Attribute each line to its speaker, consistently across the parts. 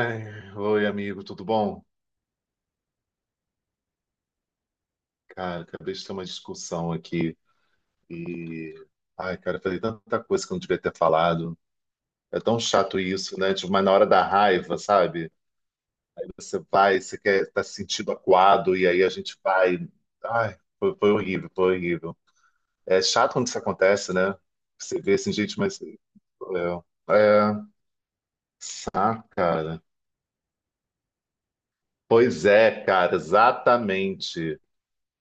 Speaker 1: Ai, oi, amigo, tudo bom? Cara, acabei de ter uma discussão aqui e. Ai, cara, eu falei tanta coisa que eu não devia ter falado. É tão chato isso, né? Tipo, mas na hora da raiva, sabe? Você vai, você quer, tá se sentindo acuado e aí a gente vai. Ai, foi horrível, foi horrível. É chato quando isso acontece, né? Você vê assim, gente, é, saca, cara. Pois é, cara, exatamente.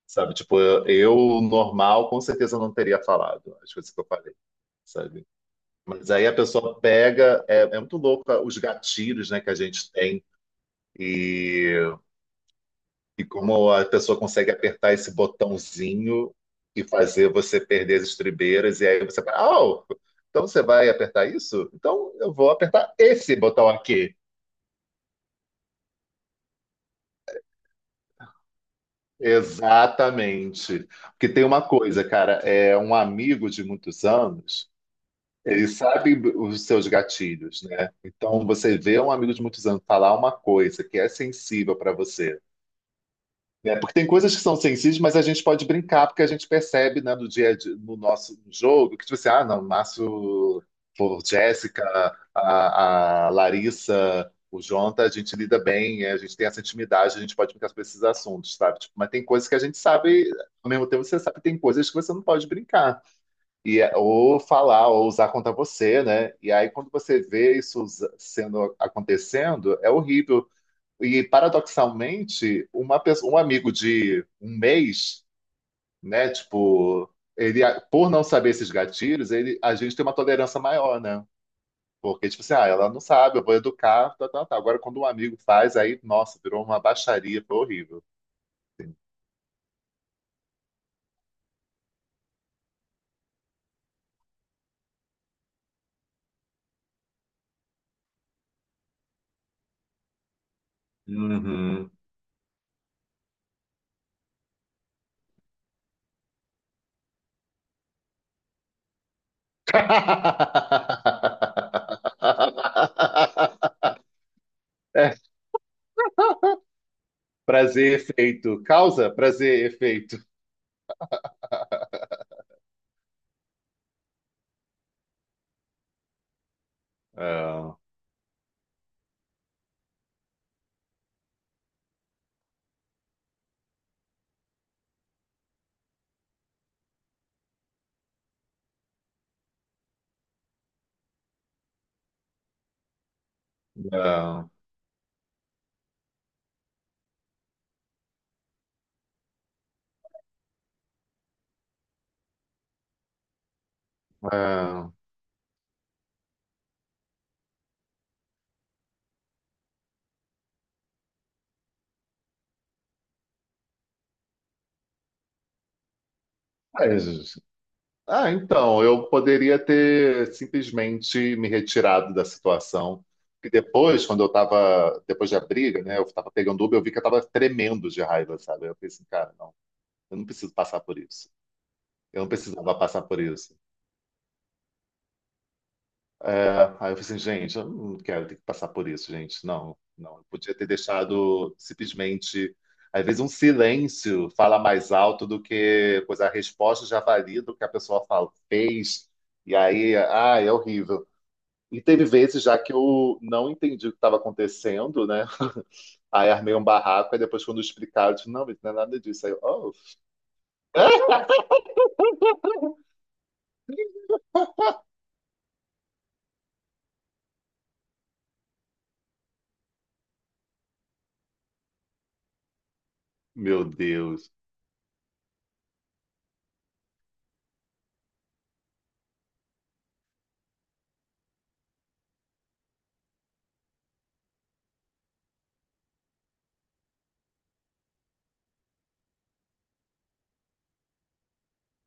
Speaker 1: Sabe, tipo, normal com certeza não teria falado as coisas que eu falei, sabe? Mas aí a pessoa pega, é muito louco os gatilhos, né, que a gente tem e, e como a pessoa consegue apertar esse botãozinho e fazer você perder as estribeiras e aí você fala, oh, então você vai apertar isso? Então eu vou apertar esse botão aqui. Exatamente. Porque tem uma coisa, cara, é um amigo de muitos anos. Ele sabe os seus gatilhos, né? Então você vê um amigo de muitos anos falar uma coisa que é sensível para você, né? Porque tem coisas que são sensíveis, mas a gente pode brincar porque a gente percebe, né, no dia a dia, no nosso jogo, que tipo assim, ah, não, Márcio, pô, Jéssica, a Larissa, o Jonta, a gente lida bem, é, a gente tem essa intimidade, a gente pode brincar sobre esses assuntos, sabe? Tipo, mas tem coisas que a gente sabe, ao mesmo tempo você sabe que tem coisas que você não pode brincar. E, é, ou falar, ou usar contra você, né? E aí, quando você vê isso sendo acontecendo, é horrível. E paradoxalmente, uma pessoa, um amigo de um mês, né? Tipo, ele, por não saber esses gatilhos, ele, a gente tem uma tolerância maior, né? Porque, tipo assim, ah, ela não sabe, eu vou educar, tá, tá, tá. Agora, quando um amigo faz, aí, nossa, virou uma baixaria, foi horrível. Uhum. É Prazer, efeito. Causa, prazer, efeito. Não, não, não. Mas, ah, então, eu poderia ter simplesmente me retirado da situação. E depois, quando eu tava, depois da briga, né, eu tava pegando Uber, eu vi que eu tava tremendo de raiva, sabe? Eu pensei, cara, não, eu não preciso passar por isso. Eu não precisava passar por isso. É, aí eu falei assim, gente, eu não quero ter que passar por isso, gente. Não, não. Eu podia ter deixado simplesmente. Às vezes um silêncio fala mais alto do que, pois a resposta já valia do que a pessoa fala, fez. E aí, ah, é horrível. E teve vezes já que eu não entendi o que estava acontecendo, né? Aí armei um barraco, e depois quando explicaram, eu disse, não, mas não é nada disso. Aí eu, oh, é? Meu Deus.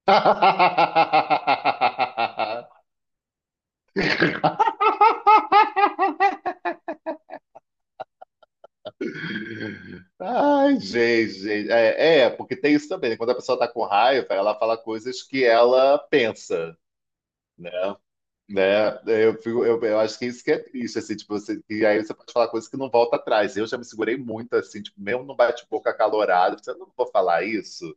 Speaker 1: Ai, gente, gente. É, é, porque tem isso também, né? Quando a pessoa tá com raiva, ela fala coisas que ela pensa, né? Né? Eu acho que isso que é triste, assim, tipo, você, e aí você pode falar coisas que não volta atrás. Eu já me segurei muito, assim, tipo, mesmo no bate-boca acalorado, eu não vou falar isso,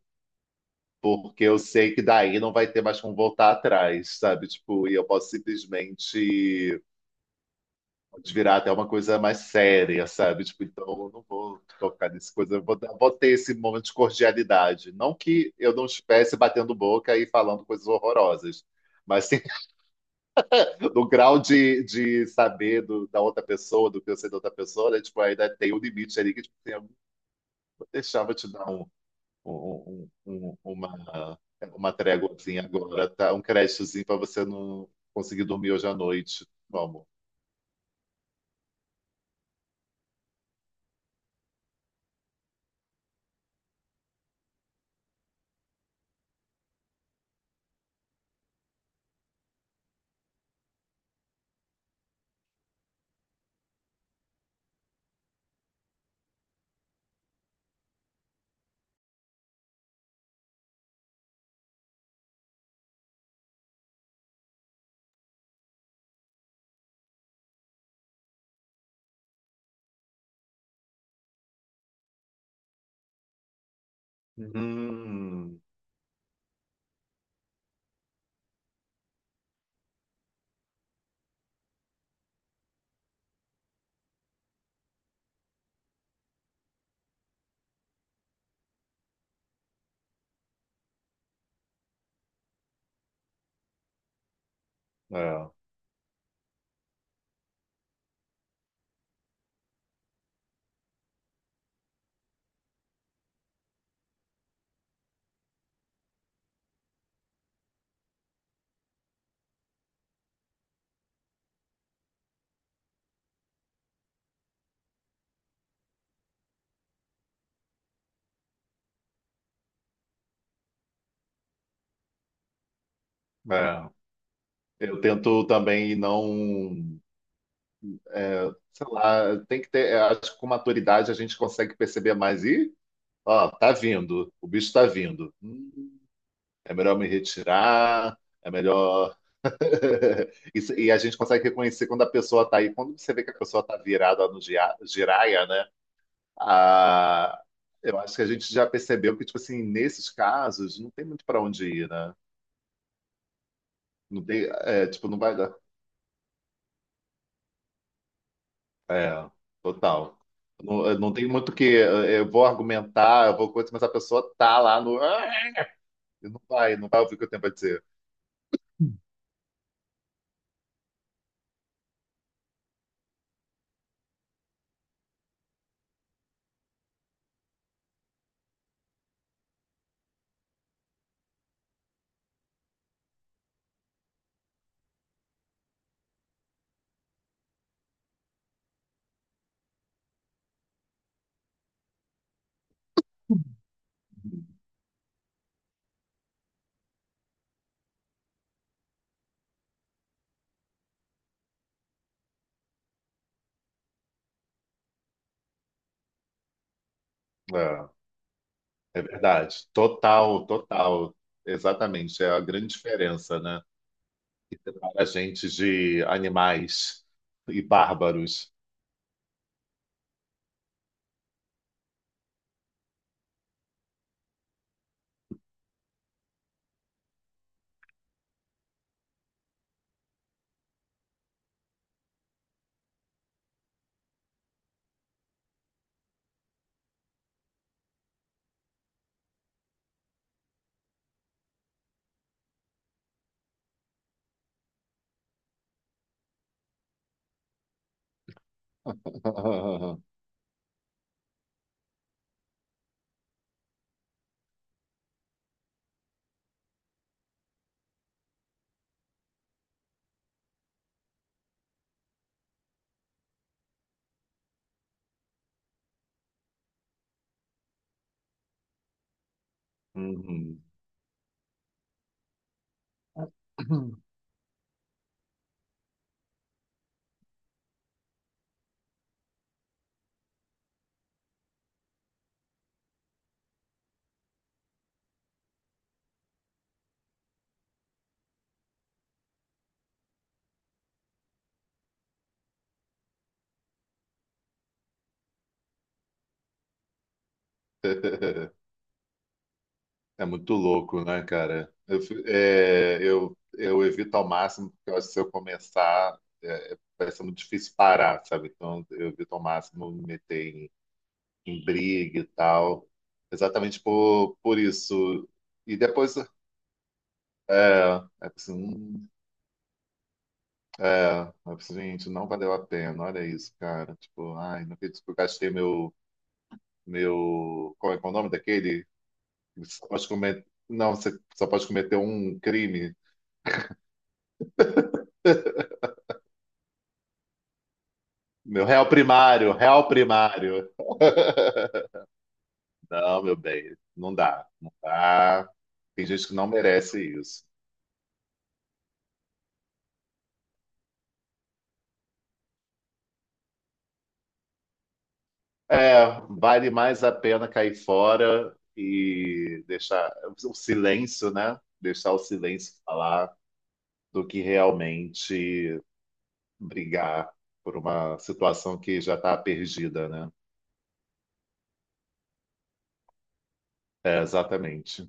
Speaker 1: porque eu sei que daí não vai ter mais como voltar atrás, sabe? Tipo, e eu posso simplesmente virar até uma coisa mais séria, sabe? Tipo, então eu não vou tocar nessa coisa, vou ter esse momento de cordialidade. Não que eu não estivesse batendo boca e falando coisas horrorosas, mas sim, no grau de saber da outra pessoa, do que eu sei da outra pessoa, né? Tipo, ainda tem um limite ali que tipo, assim, eu vou deixar, vou te dar um, um- um- um- um, uma, uma tréguazinha agora, tá? Um créditozinho para você não conseguir dormir hoje à noite. Vamos. Hum, é, é. Eu tento também não, sei lá, tem que ter, eu acho que com maturidade a gente consegue perceber mais. E, ó, tá vindo, o bicho tá vindo. É melhor me retirar, é melhor. Isso- E a gente consegue reconhecer quando a pessoa tá aí. Quando você vê que a pessoa tá virada no giraia, né? Ah, eu acho que a gente já percebeu que, tipo assim, nesses casos, não tem muito pra onde ir, né? Não tem, é, tipo, não vai. É, total. Não, eu não tem muito o que. Eu vou argumentar, eu vou coisa, mas a pessoa tá lá no "ah", e não vai, não vai ouvir o que eu tenho pra dizer. É, é verdade. Total, total. Exatamente. É a grande diferença, né? Que separa a gente de animais e bárbaros. Uhum. É muito louco, né, cara? É, eu evito ao máximo, porque eu acho que se eu começar, é, vai ser muito difícil parar, sabe? Então, eu evito ao máximo me meter em, em briga e tal, exatamente por isso. E depois, é preciso, hum, é, é preciso, gente, não valeu a pena, olha isso, cara. Tipo, ai, não acredito que eu gastei meu, meu, qual é o nome daquele? Acho pode eu. Não, você só pode cometer um crime. Meu réu primário, réu primário. Não, meu bem, não dá, não dá. Tem gente que não merece isso. É, vale mais a pena cair fora e deixar o silêncio, né? Deixar o silêncio falar do que realmente brigar por uma situação que já está perdida, né? É, exatamente.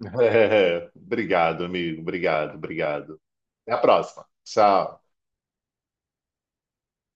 Speaker 1: Obrigado, amigo. Obrigado, obrigado. Até a próxima. Tchau.